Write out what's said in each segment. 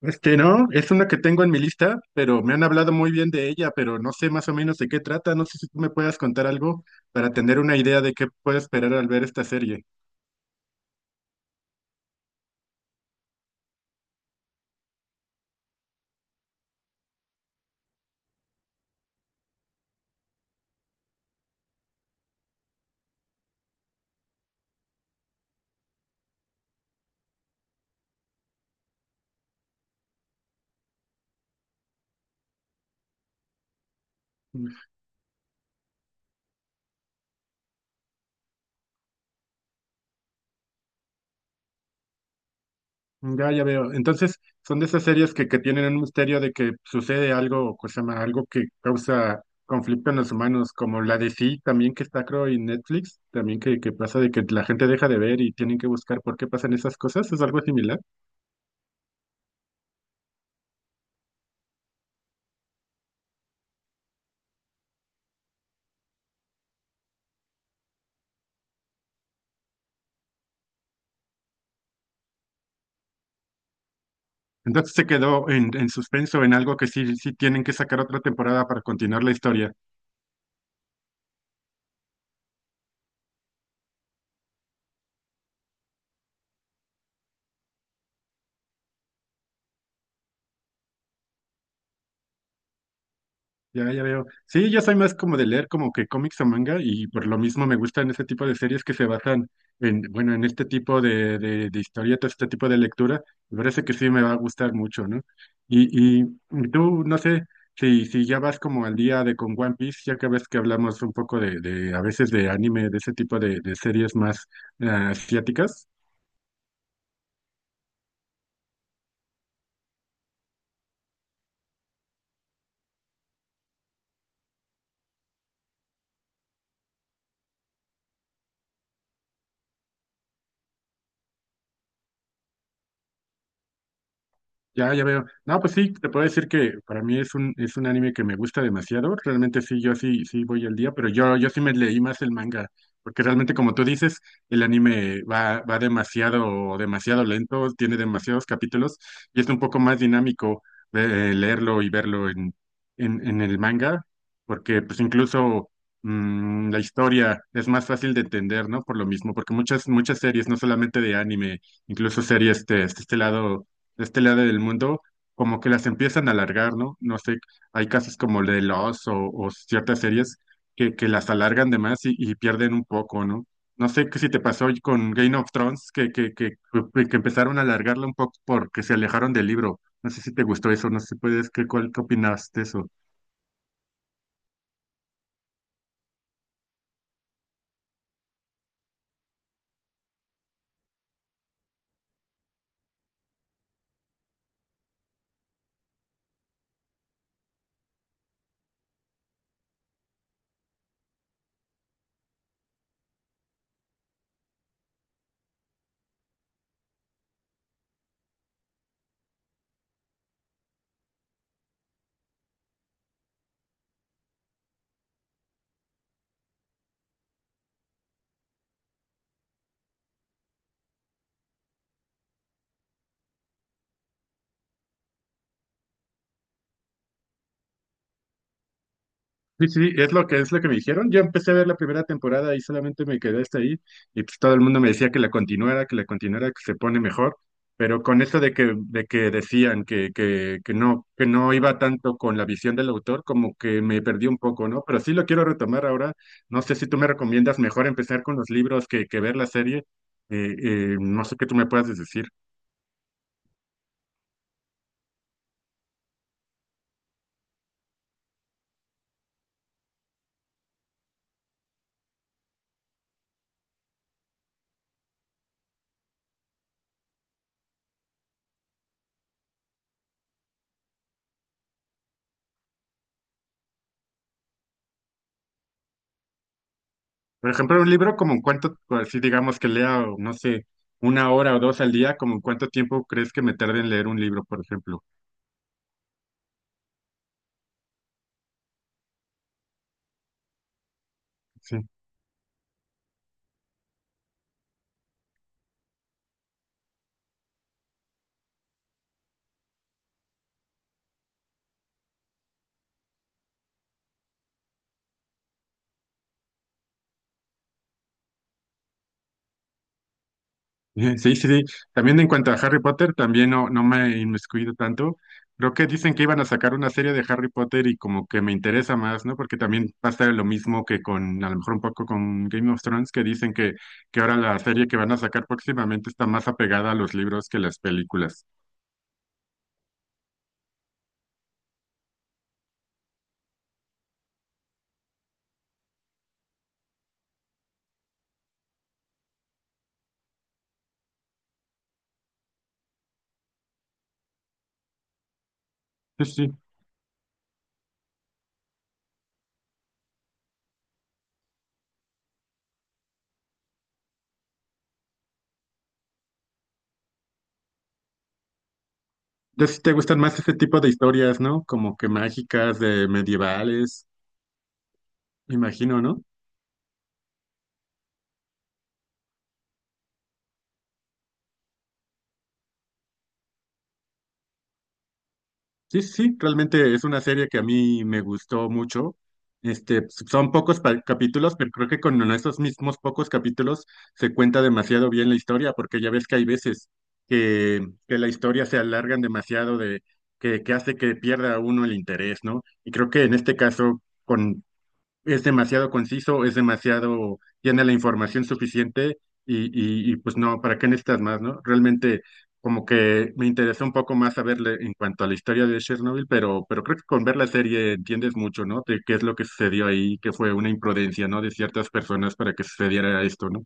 No, es una que tengo en mi lista, pero me han hablado muy bien de ella, pero no sé más o menos de qué trata. No sé si tú me puedas contar algo para tener una idea de qué puedo esperar al ver esta serie. Mm. Ya, ya veo. Entonces, son de esas series que tienen un misterio de que sucede algo, cosa más, algo que causa conflicto en los humanos, como la de Sí, también que está creo en Netflix, también que pasa de que la gente deja de ver y tienen que buscar por qué pasan esas cosas. ¿Es algo similar? Entonces se quedó en suspenso, en algo que sí, sí tienen que sacar otra temporada para continuar la historia. Ya, ya veo. Sí, yo soy más como de leer como que cómics o manga y por lo mismo me gustan ese tipo de series que se basan en, bueno, en este tipo de historietas, este tipo de lectura. Me parece que sí me va a gustar mucho, ¿no? Y tú, no sé, si ya vas como al día de con One Piece, ya que ves que hablamos un poco de a veces de anime, de ese tipo de series más asiáticas. Ya, ya veo. No, pues sí, te puedo decir que para mí es un anime que me gusta demasiado. Realmente sí, yo sí, sí voy al día, pero yo sí me leí más el manga, porque realmente como tú dices, el anime va demasiado, demasiado lento, tiene demasiados capítulos y es un poco más dinámico de leerlo y verlo en el manga, porque pues incluso la historia es más fácil de entender, ¿no? Por lo mismo, porque muchas, muchas series, no solamente de anime, incluso series de este lado del mundo, como que las empiezan a alargar, ¿no? No sé, hay casos como el de Lost o ciertas series que las alargan de más y pierden un poco, ¿no? No sé qué si te pasó hoy con Game of Thrones, que empezaron a alargarla un poco porque se alejaron del libro. No sé si te gustó eso, no sé si puedes, qué opinas de eso? Sí, sí, es lo que me dijeron. Yo empecé a ver la primera temporada y solamente me quedé hasta ahí y pues todo el mundo me decía que la continuara, que la continuara, que se pone mejor, pero con eso de que decían que no iba tanto con la visión del autor, como que me perdí un poco, ¿no? Pero sí lo quiero retomar ahora. No sé si tú me recomiendas mejor empezar con los libros que ver la serie. No sé qué tú me puedas decir. Por ejemplo, un libro como en cuánto, así digamos que lea, o no sé, una hora o dos al día, como en cuánto tiempo crees que me tarde en leer un libro, por ejemplo. Sí, sí, sí. Sí. También en cuanto a Harry Potter, también no me he inmiscuido tanto. Creo que dicen que iban a sacar una serie de Harry Potter y como que me interesa más, ¿no? Porque también pasa lo mismo que con, a lo mejor un poco con Game of Thrones, que dicen que ahora la serie que van a sacar próximamente está más apegada a los libros que las películas. Sí, sí. Ya si te gustan más ese tipo de historias, ¿no? Como que mágicas, de medievales, me imagino, ¿no? Sí, sí, sí, realmente es una serie que a mí me gustó mucho. Son pocos capítulos, pero creo que con esos mismos pocos capítulos se cuenta demasiado bien la historia, porque ya ves que hay veces que la historia se alargan demasiado de que hace que pierda uno el interés, ¿no? Y creo que en este caso, con es demasiado conciso, es demasiado, tiene la información suficiente pues no, ¿para qué necesitas más, no? Realmente como que me interesó un poco más saberle en cuanto a la historia de Chernobyl, pero creo que con ver la serie entiendes mucho, ¿no? De qué es lo que sucedió ahí, que fue una imprudencia, ¿no? De ciertas personas para que sucediera esto, ¿no?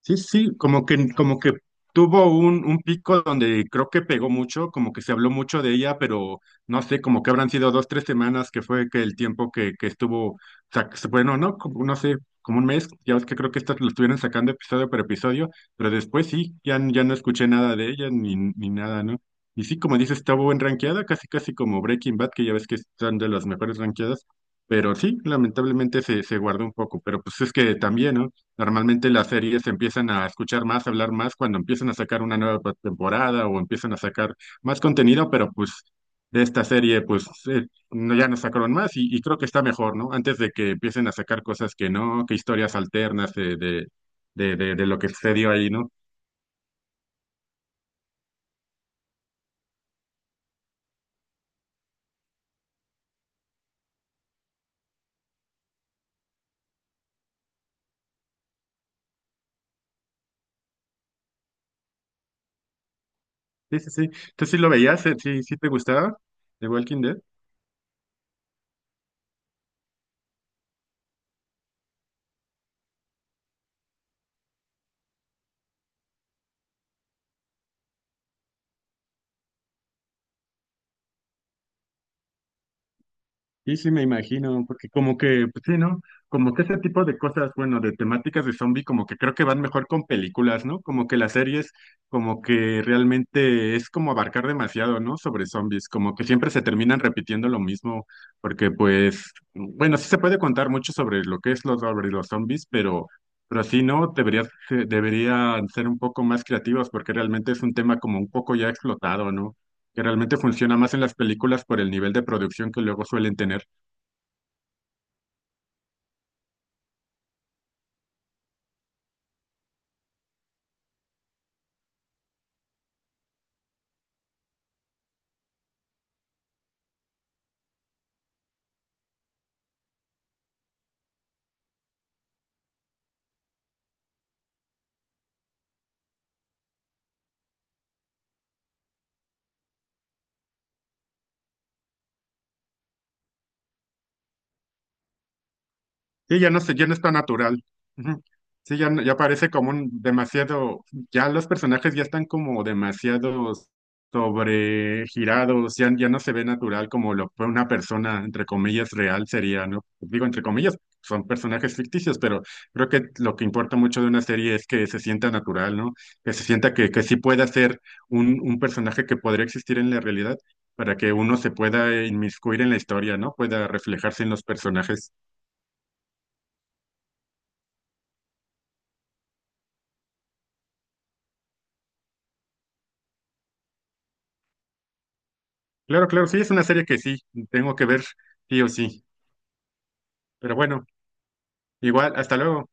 Sí, sí, como que tuvo un pico donde creo que pegó mucho, como que se habló mucho de ella, pero no sé, como que habrán sido dos, tres semanas que fue que el tiempo que estuvo, o sea, que bueno, no, no sé, como un mes, ya ves que creo que estas lo estuvieron sacando episodio por episodio, pero después sí, ya, ya no escuché nada de ella ni nada, ¿no? Y sí, como dices, estuvo en rankeada, casi casi como Breaking Bad, que ya ves que están de las mejores rankeadas, pero sí, lamentablemente se guardó un poco, pero pues es que también, ¿no? Normalmente las series empiezan a escuchar más, hablar más cuando empiezan a sacar una nueva temporada o empiezan a sacar más contenido, pero pues de esta serie pues no, ya no sacaron más y creo que está mejor, ¿no? Antes de que empiecen a sacar cosas que no, que historias alternas de lo que sucedió ahí, ¿no? Sí, sí, sí. ¿Tú sí lo veías? ¿Sí, sí te gustaba The Walking Dead? Sí, sí, me imagino, porque como que, pues sí, ¿no? Como que ese tipo de cosas, bueno, de temáticas de zombie, como que creo que van mejor con películas, ¿no? Como que las series, como que realmente es como abarcar demasiado, ¿no? Sobre zombies, como que siempre se terminan repitiendo lo mismo, porque pues, bueno, sí se puede contar mucho sobre lo que es los, sobre los zombies, pero sí, ¿no? Deberían ser un poco más creativos, porque realmente es un tema como un poco ya explotado, ¿no? Que realmente funciona más en las películas por el nivel de producción que luego suelen tener. Sí, ya no sé, ya no es tan natural. Ujú. Sí, ya, ya parece como un demasiado, ya los personajes ya están como demasiado sobregirados, ya, ya no se ve natural como lo fue una persona, entre comillas, real sería, ¿no? Digo, entre comillas, son personajes ficticios, pero creo que lo que importa mucho de una serie es que se sienta natural, ¿no? Que se sienta que sí pueda ser un personaje que podría existir en la realidad para que uno se pueda inmiscuir en la historia, ¿no? Pueda reflejarse en los personajes. Claro, claro, sí, es una serie que sí, tengo que ver, sí o sí. Pero bueno, igual, hasta luego.